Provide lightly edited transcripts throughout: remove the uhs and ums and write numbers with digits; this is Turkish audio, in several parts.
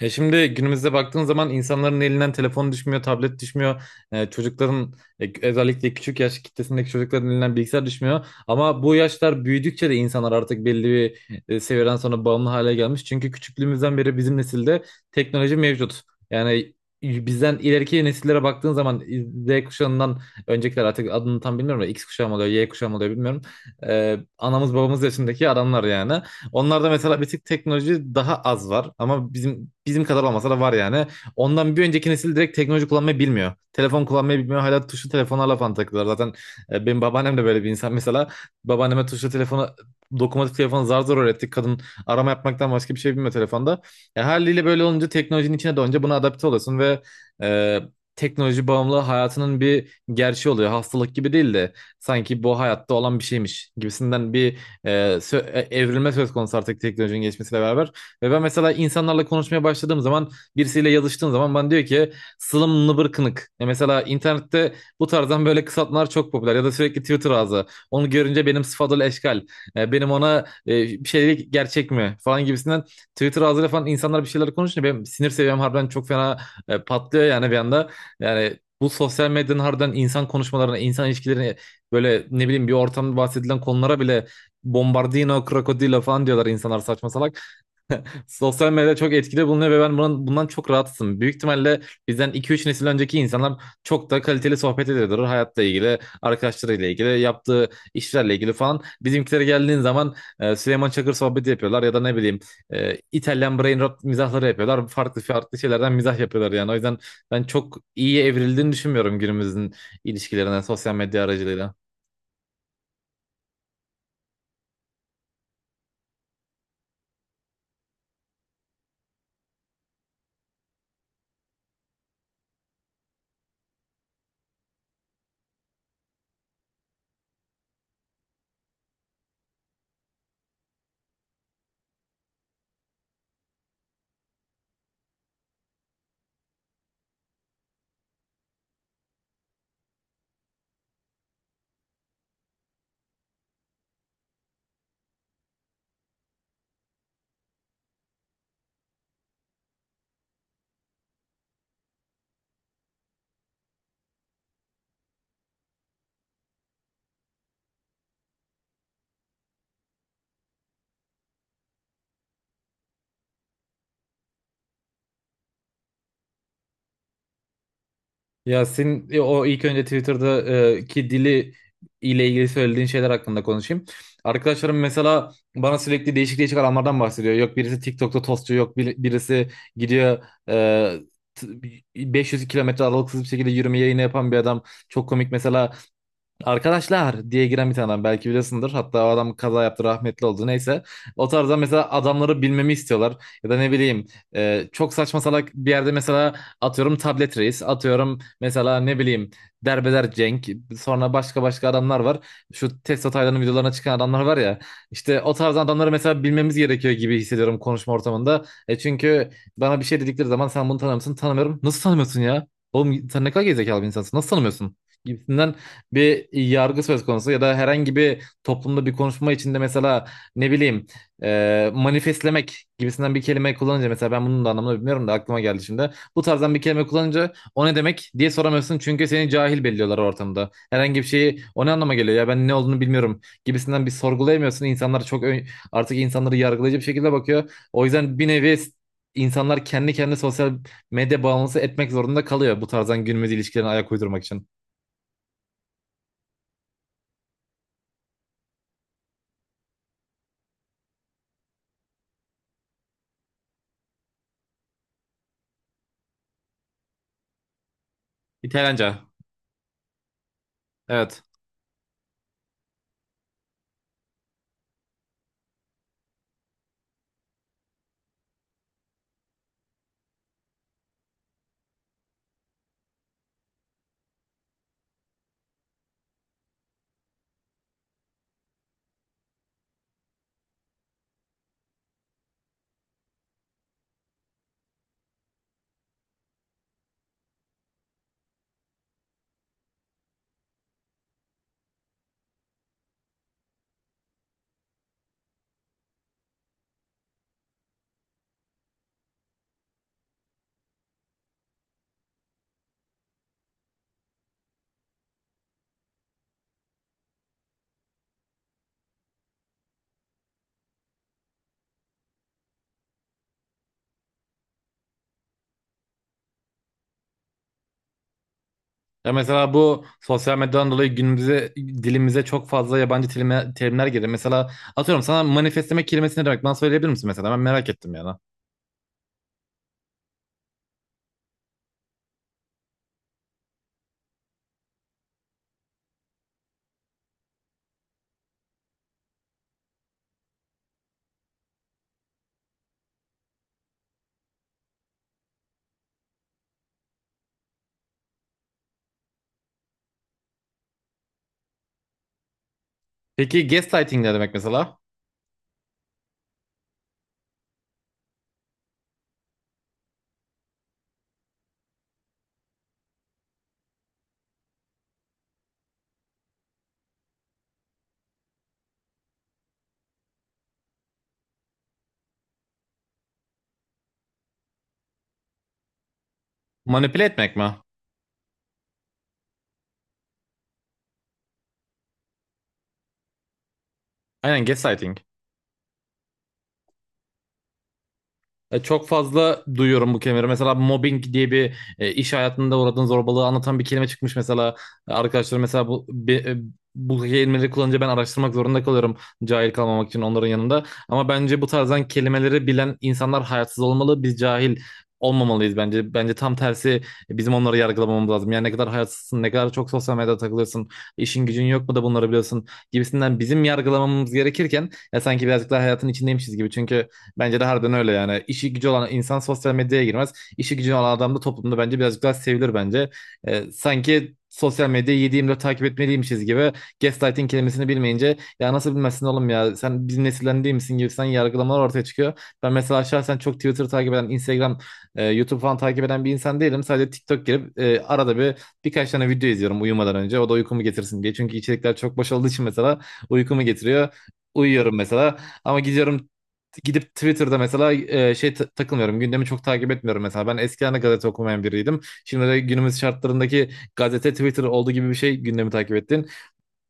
Ya şimdi günümüzde baktığın zaman insanların elinden telefon düşmüyor, tablet düşmüyor. Çocukların özellikle küçük yaş kitlesindeki çocukların elinden bilgisayar düşmüyor. Ama bu yaşlar büyüdükçe de insanlar artık belli bir seviyeden sonra bağımlı hale gelmiş. Çünkü küçüklüğümüzden beri bizim nesilde teknoloji mevcut. Yani bizden ileriki nesillere baktığın zaman Z kuşağından öncekiler artık adını tam bilmiyorum da X kuşağı mı oluyor, Y kuşağı mı oluyor bilmiyorum. Anamız babamız yaşındaki adamlar yani. Onlarda mesela bir tık teknoloji daha az var ama bizim kadar olmasa da var yani. Ondan bir önceki nesil direkt teknoloji kullanmayı bilmiyor. Telefon kullanmayı bilmiyor. Hala tuşlu telefonlarla falan takılıyorlar. Zaten benim babaannem de böyle bir insan mesela. Babaanneme tuşlu telefonu dokunmatik telefonu zar zor öğrettik. Kadın arama yapmaktan başka bir şey bilmiyor telefonda. Haliyle böyle olunca teknolojinin içine doğunca buna adapte oluyorsun ve e, teknoloji bağımlılığı hayatının bir gerçeği oluyor. Hastalık gibi değil de sanki bu hayatta olan bir şeymiş gibisinden bir e, evrilme söz konusu artık teknolojinin geçmesiyle beraber. Ve ben mesela insanlarla konuşmaya başladığım zaman birisiyle yazıştığım zaman bana diyor ki slım nıbır kınık. E mesela internette bu tarzdan böyle kısaltmalar çok popüler ya da sürekli Twitter ağzı. Onu görünce benim sıfadıl eşkal. Benim ona bir şey gerçek mi falan gibisinden Twitter ağzıyla falan insanlar bir şeyler konuşunca benim sinir seviyem harbiden çok fena patlıyor yani bir anda. Yani bu sosyal medyanın harbiden insan konuşmalarına, insan ilişkilerine böyle ne bileyim bir ortamda bahsedilen konulara bile Bombardino, Krokodilo falan diyorlar insanlar saçma salak. Sosyal medyada çok etkili bulunuyor ve ben bunun, bundan çok rahatsızım. Büyük ihtimalle bizden 2-3 nesil önceki insanlar çok da kaliteli sohbet ediyordur. Hayatla ilgili, arkadaşlarıyla ilgili, yaptığı işlerle ilgili falan. Bizimkilere geldiğin zaman Süleyman Çakır sohbeti yapıyorlar ya da ne bileyim İtalyan brain rot mizahları yapıyorlar. Farklı farklı şeylerden mizah yapıyorlar yani. O yüzden ben çok iyi evrildiğini düşünmüyorum günümüzün ilişkilerine sosyal medya aracılığıyla. Yasin o ilk önce Twitter'da ki dili ile ilgili söylediğin şeyler hakkında konuşayım. Arkadaşlarım mesela bana sürekli değişik değişik alanlardan bahsediyor. Yok birisi TikTok'ta tostçu, yok birisi gidiyor e, t- 500 kilometre aralıksız bir şekilde yürüme yayını yapan bir adam. Çok komik mesela arkadaşlar diye giren bir tane adam belki biliyorsundur. Hatta o adam kaza yaptı rahmetli oldu neyse. O tarzda mesela adamları bilmemi istiyorlar. Ya da ne bileyim çok saçma salak bir yerde mesela atıyorum tablet reis. Atıyorum mesela ne bileyim derbeder Cenk. Sonra başka başka adamlar var. Şu Testo Taylan'ın videolarına çıkan adamlar var ya. İşte o tarz adamları mesela bilmemiz gerekiyor gibi hissediyorum konuşma ortamında. E çünkü bana bir şey dedikleri zaman sen bunu tanımıyorsun tanımıyorum. Nasıl tanımıyorsun ya? Oğlum sen ne kadar gerizekalı bir insansın. Nasıl tanımıyorsun gibisinden bir yargı söz konusu ya da herhangi bir toplumda bir konuşma içinde mesela ne bileyim manifestlemek gibisinden bir kelime kullanınca mesela ben bunun da anlamını bilmiyorum da aklıma geldi şimdi. Bu tarzdan bir kelime kullanınca o ne demek diye soramıyorsun çünkü seni cahil belliyorlar ortamda. Herhangi bir şeyi o ne anlama geliyor ya ben ne olduğunu bilmiyorum gibisinden bir sorgulayamıyorsun. İnsanlar çok artık insanları yargılayıcı bir şekilde bakıyor. O yüzden bir nevi insanlar kendi kendine sosyal medya bağımlısı etmek zorunda kalıyor bu tarzdan günümüz ilişkilerine ayak uydurmak için. İtalyanca. Evet. Ya mesela bu sosyal medyadan dolayı günümüze dilimize çok fazla yabancı terimler girdi. Mesela atıyorum sana manifestlemek kelimesi ne demek? Bana söyleyebilir misin mesela? Ben merak ettim yani. Peki gaslighting ne demek mesela? Manipüle etmek mi? Aynen gaslighting. Çok fazla duyuyorum bu kelimeleri. Mesela mobbing diye bir iş hayatında uğradığın zorbalığı anlatan bir kelime çıkmış mesela. Arkadaşlar mesela bu kelimeleri kullanınca ben araştırmak zorunda kalıyorum cahil kalmamak için onların yanında. Ama bence bu tarzdan kelimeleri bilen insanlar hayatsız olmalı. Biz cahil olmamalıyız bence. Bence tam tersi bizim onları yargılamamız lazım. Yani ne kadar hayatsızsın, ne kadar çok sosyal medyada takılıyorsun, işin gücün yok mu da bunları biliyorsun gibisinden bizim yargılamamız gerekirken ya sanki birazcık daha hayatın içindeymişiz gibi. Çünkü bence de harbiden öyle yani. İşi gücü olan insan sosyal medyaya girmez. İşi gücü olan adam da toplumda bence birazcık daha sevilir bence. Sanki sosyal medyayı 7/24 takip etmeliymişiz gibi gaslighting kelimesini bilmeyince ya nasıl bilmezsin oğlum ya sen bizim nesilden değil misin gibi sen yargılamalar ortaya çıkıyor. Ben mesela şahsen çok Twitter takip eden, Instagram, YouTube falan takip eden bir insan değilim. Sadece TikTok girip arada bir birkaç tane video izliyorum uyumadan önce. O da uykumu getirsin diye. Çünkü içerikler çok boş olduğu için mesela uykumu getiriyor. Uyuyorum mesela ama gidiyorum gidip Twitter'da mesela takılmıyorum. Gündemi çok takip etmiyorum mesela. Ben eskiden de gazete okumayan biriydim. Şimdi de günümüz şartlarındaki gazete Twitter olduğu gibi bir şey gündemi takip ettin.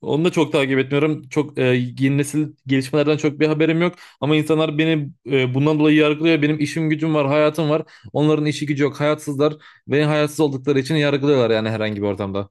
Onu da çok takip etmiyorum. Çok yeni nesil gelişmelerden çok bir haberim yok. Ama insanlar beni bundan dolayı yargılıyor. Benim işim gücüm var, hayatım var. Onların işi gücü yok. Hayatsızlar. Beni hayatsız oldukları için yargılıyorlar yani herhangi bir ortamda.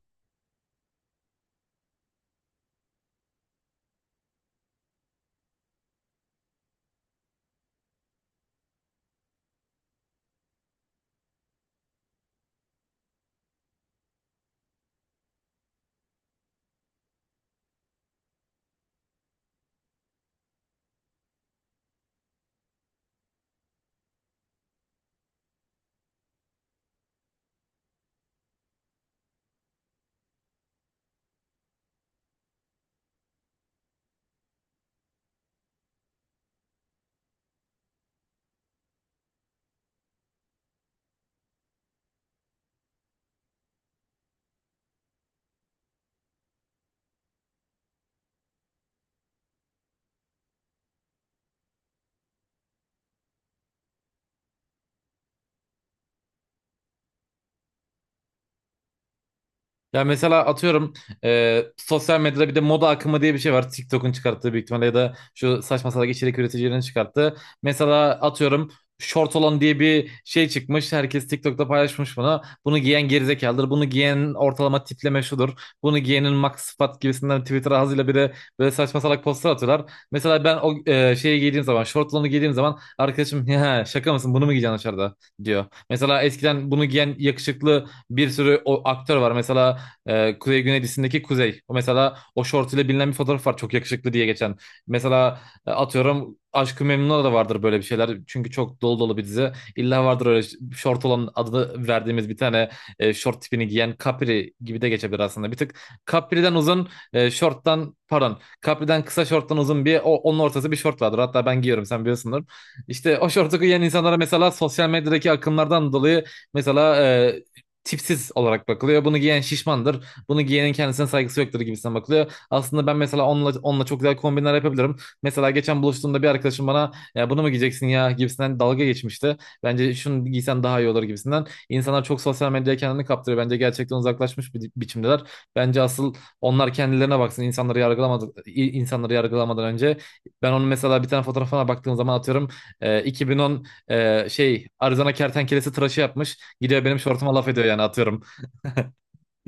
Ya mesela atıyorum sosyal medyada bir de moda akımı diye bir şey var. TikTok'un çıkarttığı büyük ihtimalle ya da şu saçma salak içerik üreticilerinin çıkarttığı. Mesela atıyorum short olan diye bir şey çıkmış. Herkes TikTok'ta paylaşmış bunu. Bunu giyen gerizekalıdır. Bunu giyen ortalama tipleme şudur. Bunu giyenin max sıfat gibisinden Twitter ağzıyla bir de böyle saçma salak postlar atıyorlar. Mesela ben o şeyi giydiğim zaman, short olanı giydiğim zaman arkadaşım ya şaka mısın bunu mu giyeceksin dışarıda diyor. Mesela eskiden bunu giyen yakışıklı bir sürü o aktör var. Mesela Kuzey Güneylisindeki Kuzey. O mesela o short ile bilinen bir fotoğraf var çok yakışıklı diye geçen. Mesela atıyorum Aşk-ı Memnu'da da vardır böyle bir şeyler. Çünkü çok dolu dolu bir dizi. İlla vardır öyle şort olan adını verdiğimiz bir tane şort tipini giyen Capri gibi de geçebilir aslında. Bir tık Capri'den uzun e, şorttan pardon Capri'den kısa shorttan uzun bir o, onun ortası bir short vardır. Hatta ben giyiyorum sen biliyorsundur. İşte o şortu giyen insanlara mesela sosyal medyadaki akımlardan dolayı mesela tipsiz olarak bakılıyor. Bunu giyen şişmandır. Bunu giyenin kendisine saygısı yoktur gibisinden bakılıyor. Aslında ben mesela onunla çok güzel kombinler yapabilirim. Mesela geçen buluştuğumda bir arkadaşım bana ya bunu mu giyeceksin ya gibisinden dalga geçmişti. Bence şunu giysen daha iyi olur gibisinden. İnsanlar çok sosyal medyaya kendini kaptırıyor. Bence gerçekten uzaklaşmış bir biçimdeler. Bence asıl onlar kendilerine baksın. İnsanları yargılamadan, insanları yargılamadan önce. Ben onun mesela bir tane fotoğrafına baktığım zaman atıyorum 2010 Arizona kertenkelesi tıraşı yapmış. Gidiyor benim şortuma laf ediyor yani atıyorum.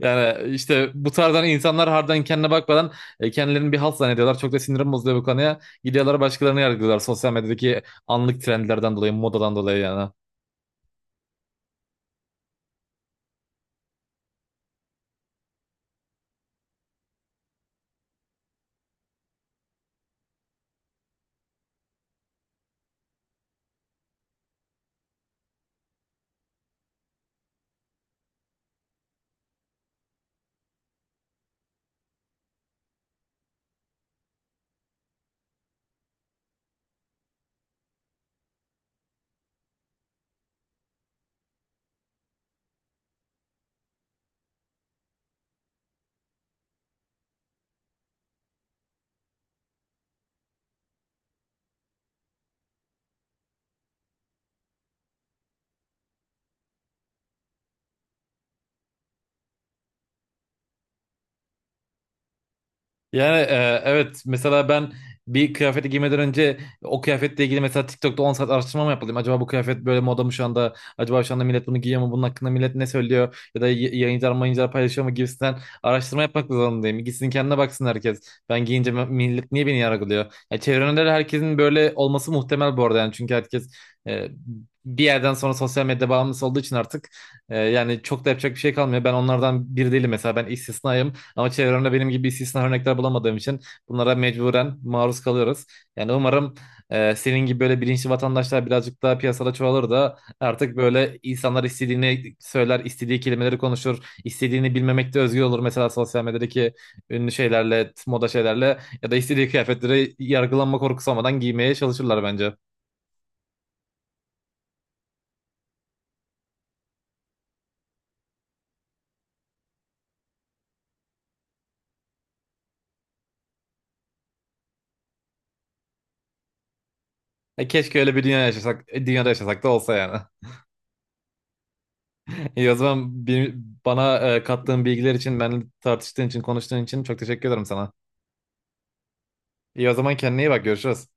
Yani işte bu tarzdan insanlar harbiden kendine bakmadan kendilerini bir halt zannediyorlar. Çok da sinirim bozuluyor bu konuya. Gidiyorlar başkalarını yargılıyorlar sosyal medyadaki anlık trendlerden dolayı, modadan dolayı yani. Yani evet mesela ben bir kıyafeti giymeden önce o kıyafetle ilgili mesela TikTok'ta 10 saat araştırma mı yapmalıyım? Acaba bu kıyafet böyle moda mı şu anda? Acaba şu anda millet bunu giyiyor mu? Bunun hakkında millet ne söylüyor? Ya da yayıncılar mayıncılar paylaşıyor mu gibisinden araştırma yapmak zorundayım. Gitsin kendine baksın herkes. Ben giyince millet niye beni yargılıyor? Ya çevremde de herkesin böyle olması muhtemel bu arada yani. Çünkü herkes e, bir yerden sonra sosyal medya bağımlısı olduğu için artık yani çok da yapacak bir şey kalmıyor. Ben onlardan biri değilim mesela ben istisnayım. Ama çevremde benim gibi istisna örnekler bulamadığım için bunlara mecburen maruz kalıyoruz. Yani umarım senin gibi böyle bilinçli vatandaşlar birazcık daha piyasada çoğalır da artık böyle insanlar istediğini söyler, istediği kelimeleri konuşur, istediğini bilmemekte özgür olur. Mesela sosyal medyadaki ünlü şeylerle, moda şeylerle ya da istediği kıyafetleri yargılanma korkusu olmadan giymeye çalışırlar bence. Keşke öyle bir dünya yaşasak, dünyada yaşasak da olsa yani. İyi o zaman bana kattığın bilgiler için, benimle tartıştığın için, konuştuğun için çok teşekkür ederim sana. İyi o zaman kendine iyi bak görüşürüz.